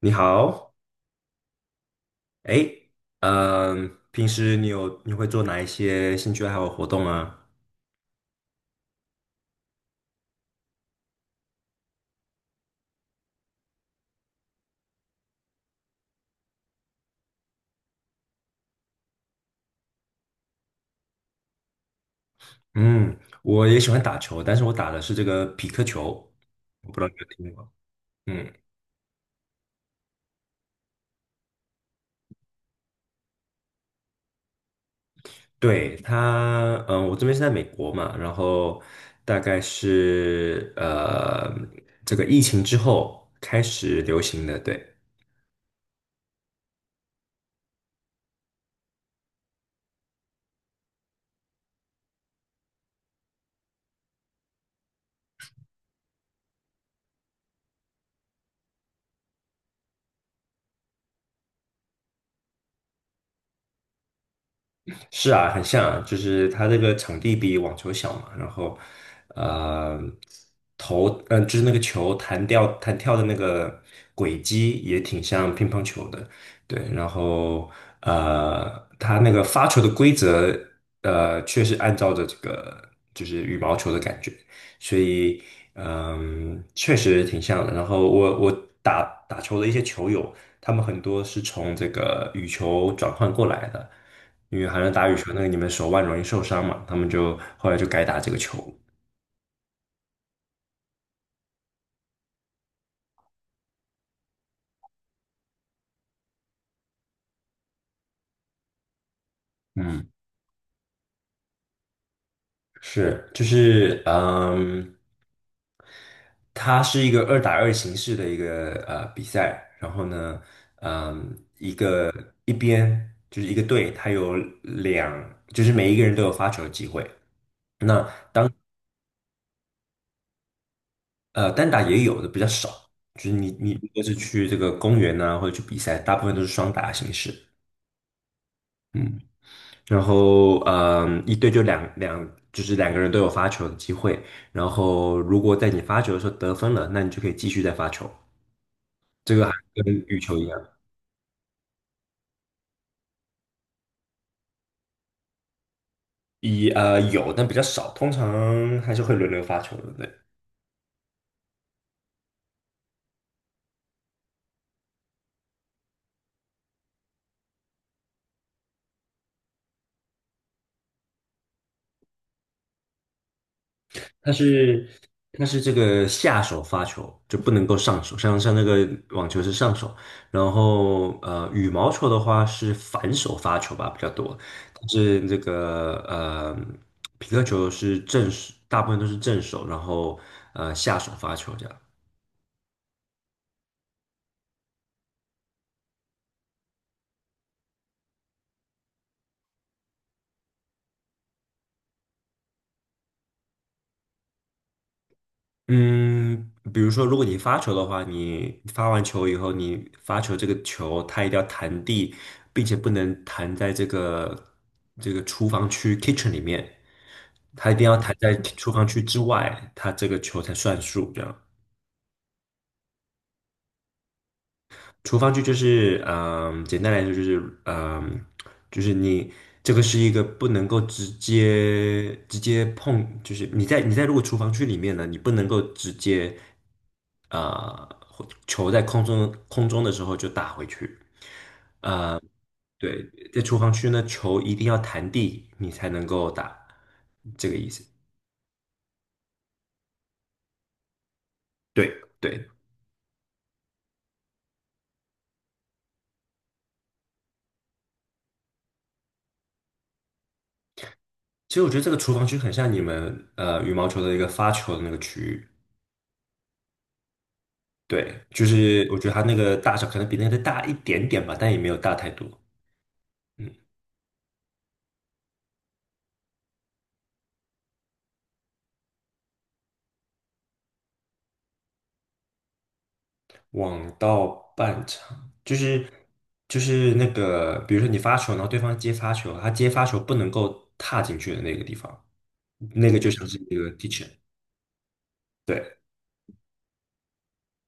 你好。哎，平时你会做哪一些兴趣爱好活动啊？嗯，我也喜欢打球，但是我打的是这个匹克球，我不知道你有听过。嗯，对，我这边是在美国嘛，然后大概是这个疫情之后开始流行的。对。是啊，很像啊，就是它这个场地比网球小嘛。然后，呃，就是那个球弹掉、弹跳的那个轨迹也挺像乒乓球的。对，然后，它那个发球的规则，确实按照着这个就是羽毛球的感觉。所以，确实挺像的。然后我我打打球的一些球友，他们很多是从这个羽球转换过来的。因为好像打羽球那个你们手腕容易受伤嘛，他们就后来就改打这个球。嗯。是，就是它是一个二打二形式的一个比赛。然后呢，嗯，一个一边就是一个队，它有两，就是每一个人都有发球的机会。那单打也有的比较少，就是你如果是去这个公园啊，或者去比赛，大部分都是双打形式。嗯。然后，一队就两两，就是两个人都有发球的机会。然后，如果在你发球的时候得分了，那你就可以继续再发球。这个还跟羽球一样。有，但比较少，通常还是会轮流发球的。对。它是它是这个下手发球，就不能够上手，像那个网球是上手，然后羽毛球的话是反手发球吧比较多，但是这个皮克球是正手，大部分都是正手，然后下手发球这样。嗯，比如说，如果你发球的话，你发完球以后，你发球这个球它一定要弹地，并且不能弹在这个厨房区 kitchen 里面，它一定要弹在厨房区之外，它这个球才算数。这样。厨房区就是，简单来说就是，就是你这个是一个不能够直接碰，就是你在如果厨房区里面呢，你不能够直接。呃，球在空中的时候就打回去。对，在厨房区呢，球一定要弹地，你才能够打，这个意思。对对，其实我觉得这个厨房区很像你们羽毛球的一个发球的那个区域。对，就是我觉得它那个大小可能比那个大一点点吧，但也没有大太多。嗯。网到半场就是那个，比如说你发球，然后对方接发球，他接发球不能够踏进去的那个地方。那个就像是一个 teacher。对。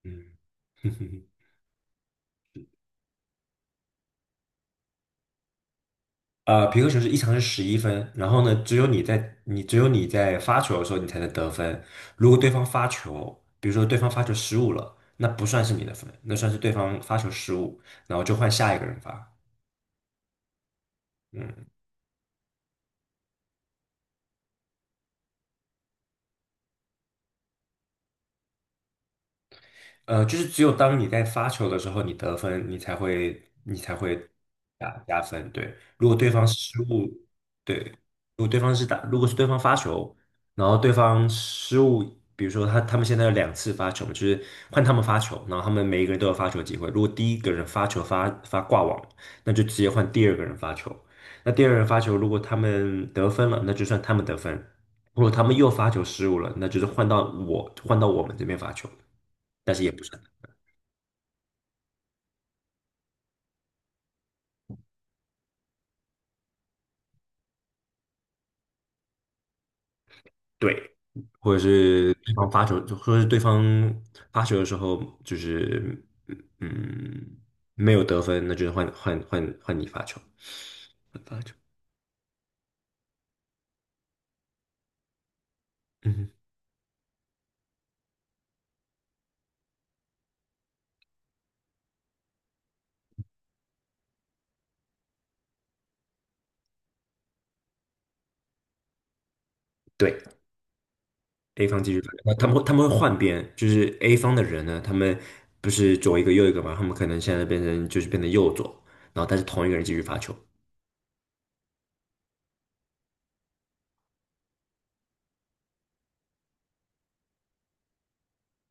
嗯。哼哼。啊，皮克球是一场是11分，然后呢，只有你在发球的时候你才能得分。如果对方发球，比如说对方发球失误了，那不算是你的分，那算是对方发球失误，然后就换下一个人发，嗯，就是只有当你在发球的时候，你得分，你才会加分。对，如果对方失误。对，如果对方是打，如果是对方发球，然后对方失误，比如说他们现在有2次发球，就是换他们发球，然后他们每一个人都有发球机会。如果第一个人发球发挂网，那就直接换第二个人发球。那第二个人发球，如果他们得分了，那就算他们得分；如果他们又发球失误了，那就是换到我们这边发球，但是也不是。对，或者是对方发球，或者是对方发球的时候，就是嗯没有得分，那就是换你发球，换发球。嗯，对，A 方继续发球，那他们会换边，就是 A 方的人呢，他们不是左一个右一个嘛，他们可能现在变成右左，然后但是同一个人继续发球。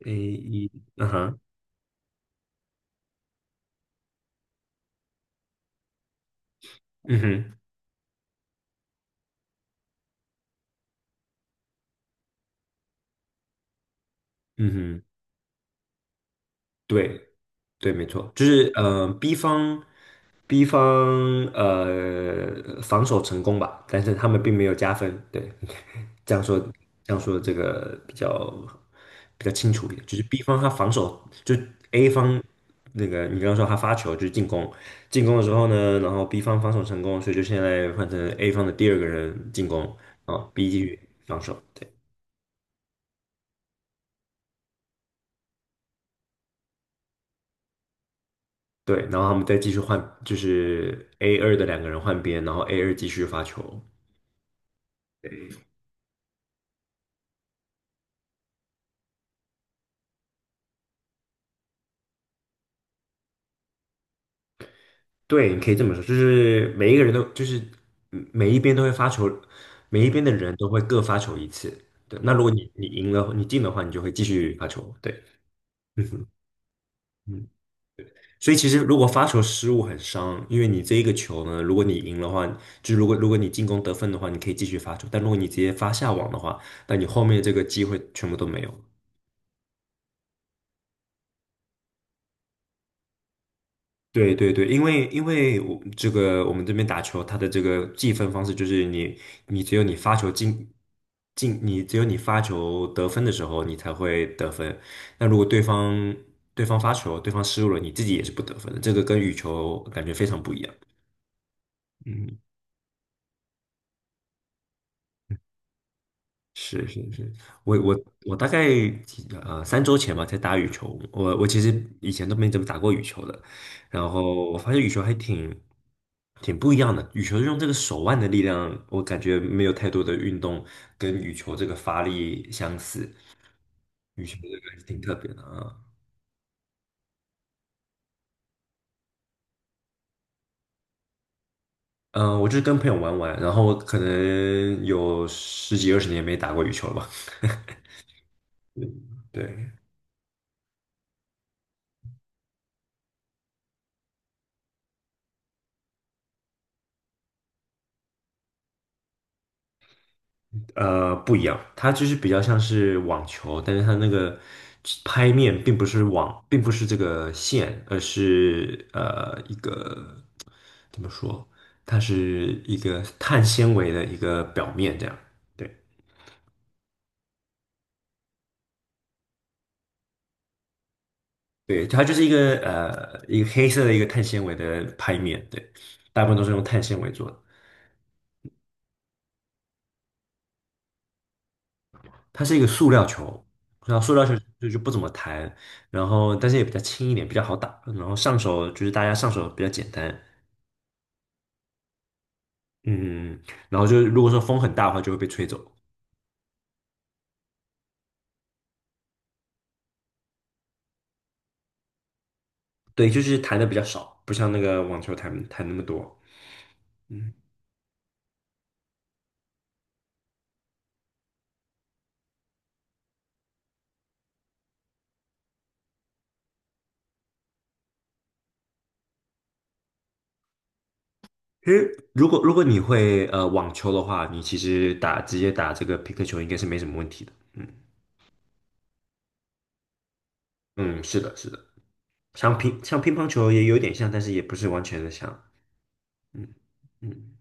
A 一。嗯哼。嗯哼。嗯哼。对，对，没错，就是B 方防守成功吧，但是他们并没有加分。对。这样说这样说这个比较清楚一点，就是 B 方他防守。就 A 方那个你刚刚说他发球就是进攻，进攻的时候呢，然后 B 方防守成功，所以就现在换成 A 方的第二个人进攻，啊，B 继续防守。对。对，然后他们再继续换，就是 A 二的两个人换边，然后 A 二继续发球。对，你可以这么说，就是每一个人都就是每一边都会发球，每一边的人都会各发球一次。对，那如果你赢了，你进的话，你就会继续发球。对。嗯哼。嗯。所以其实如果发球失误很伤，因为你这一个球呢，如果你赢的话，就是如果你进攻得分的话，你可以继续发球；但如果你直接发下网的话，那你后面这个机会全部都没有。对对对，因为我这个我们这边打球，它的这个计分方式就是你只有你发球你只有你发球得分的时候，你才会得分。那如果对方发球，对方失误了，你自己也是不得分的。这个跟羽球感觉非常不一样。嗯，是是是，我我我大概3周前吧才打羽球，我其实以前都没怎么打过羽球的，然后我发现羽球还不一样的，羽球是用这个手腕的力量，我感觉没有太多的运动跟羽球这个发力相似，羽球这个还是挺特别的啊。我就是跟朋友玩玩，然后可能有十几二十年没打过羽球了吧。对对，不一样，它就是比较像是网球，但是它那个拍面并不是网，并不是这个线，而是一个怎么说？它是一个碳纤维的一个表面，这样。对对，它就是一个黑色的一个碳纤维的拍面。对，大部分都是用碳纤维做的。它是一个塑料球，然后塑料球就不怎么弹，然后但是也比较轻一点，比较好打，然后上手就是大家上手比较简单。嗯。然后就是如果说风很大的话，就会被吹走。对，就是弹的比较少，不像那个网球弹那么多。嗯。其实如果你会网球的话，你其实直接打这个皮克球应该是没什么问题的。嗯嗯，是的，是的，像乒乓球也有点像，但是也不是完全的像。嗯嗯。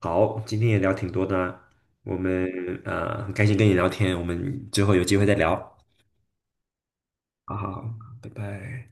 好，今天也聊挺多的啊，我们很开心跟你聊天，我们之后有机会再聊。好好好，拜拜。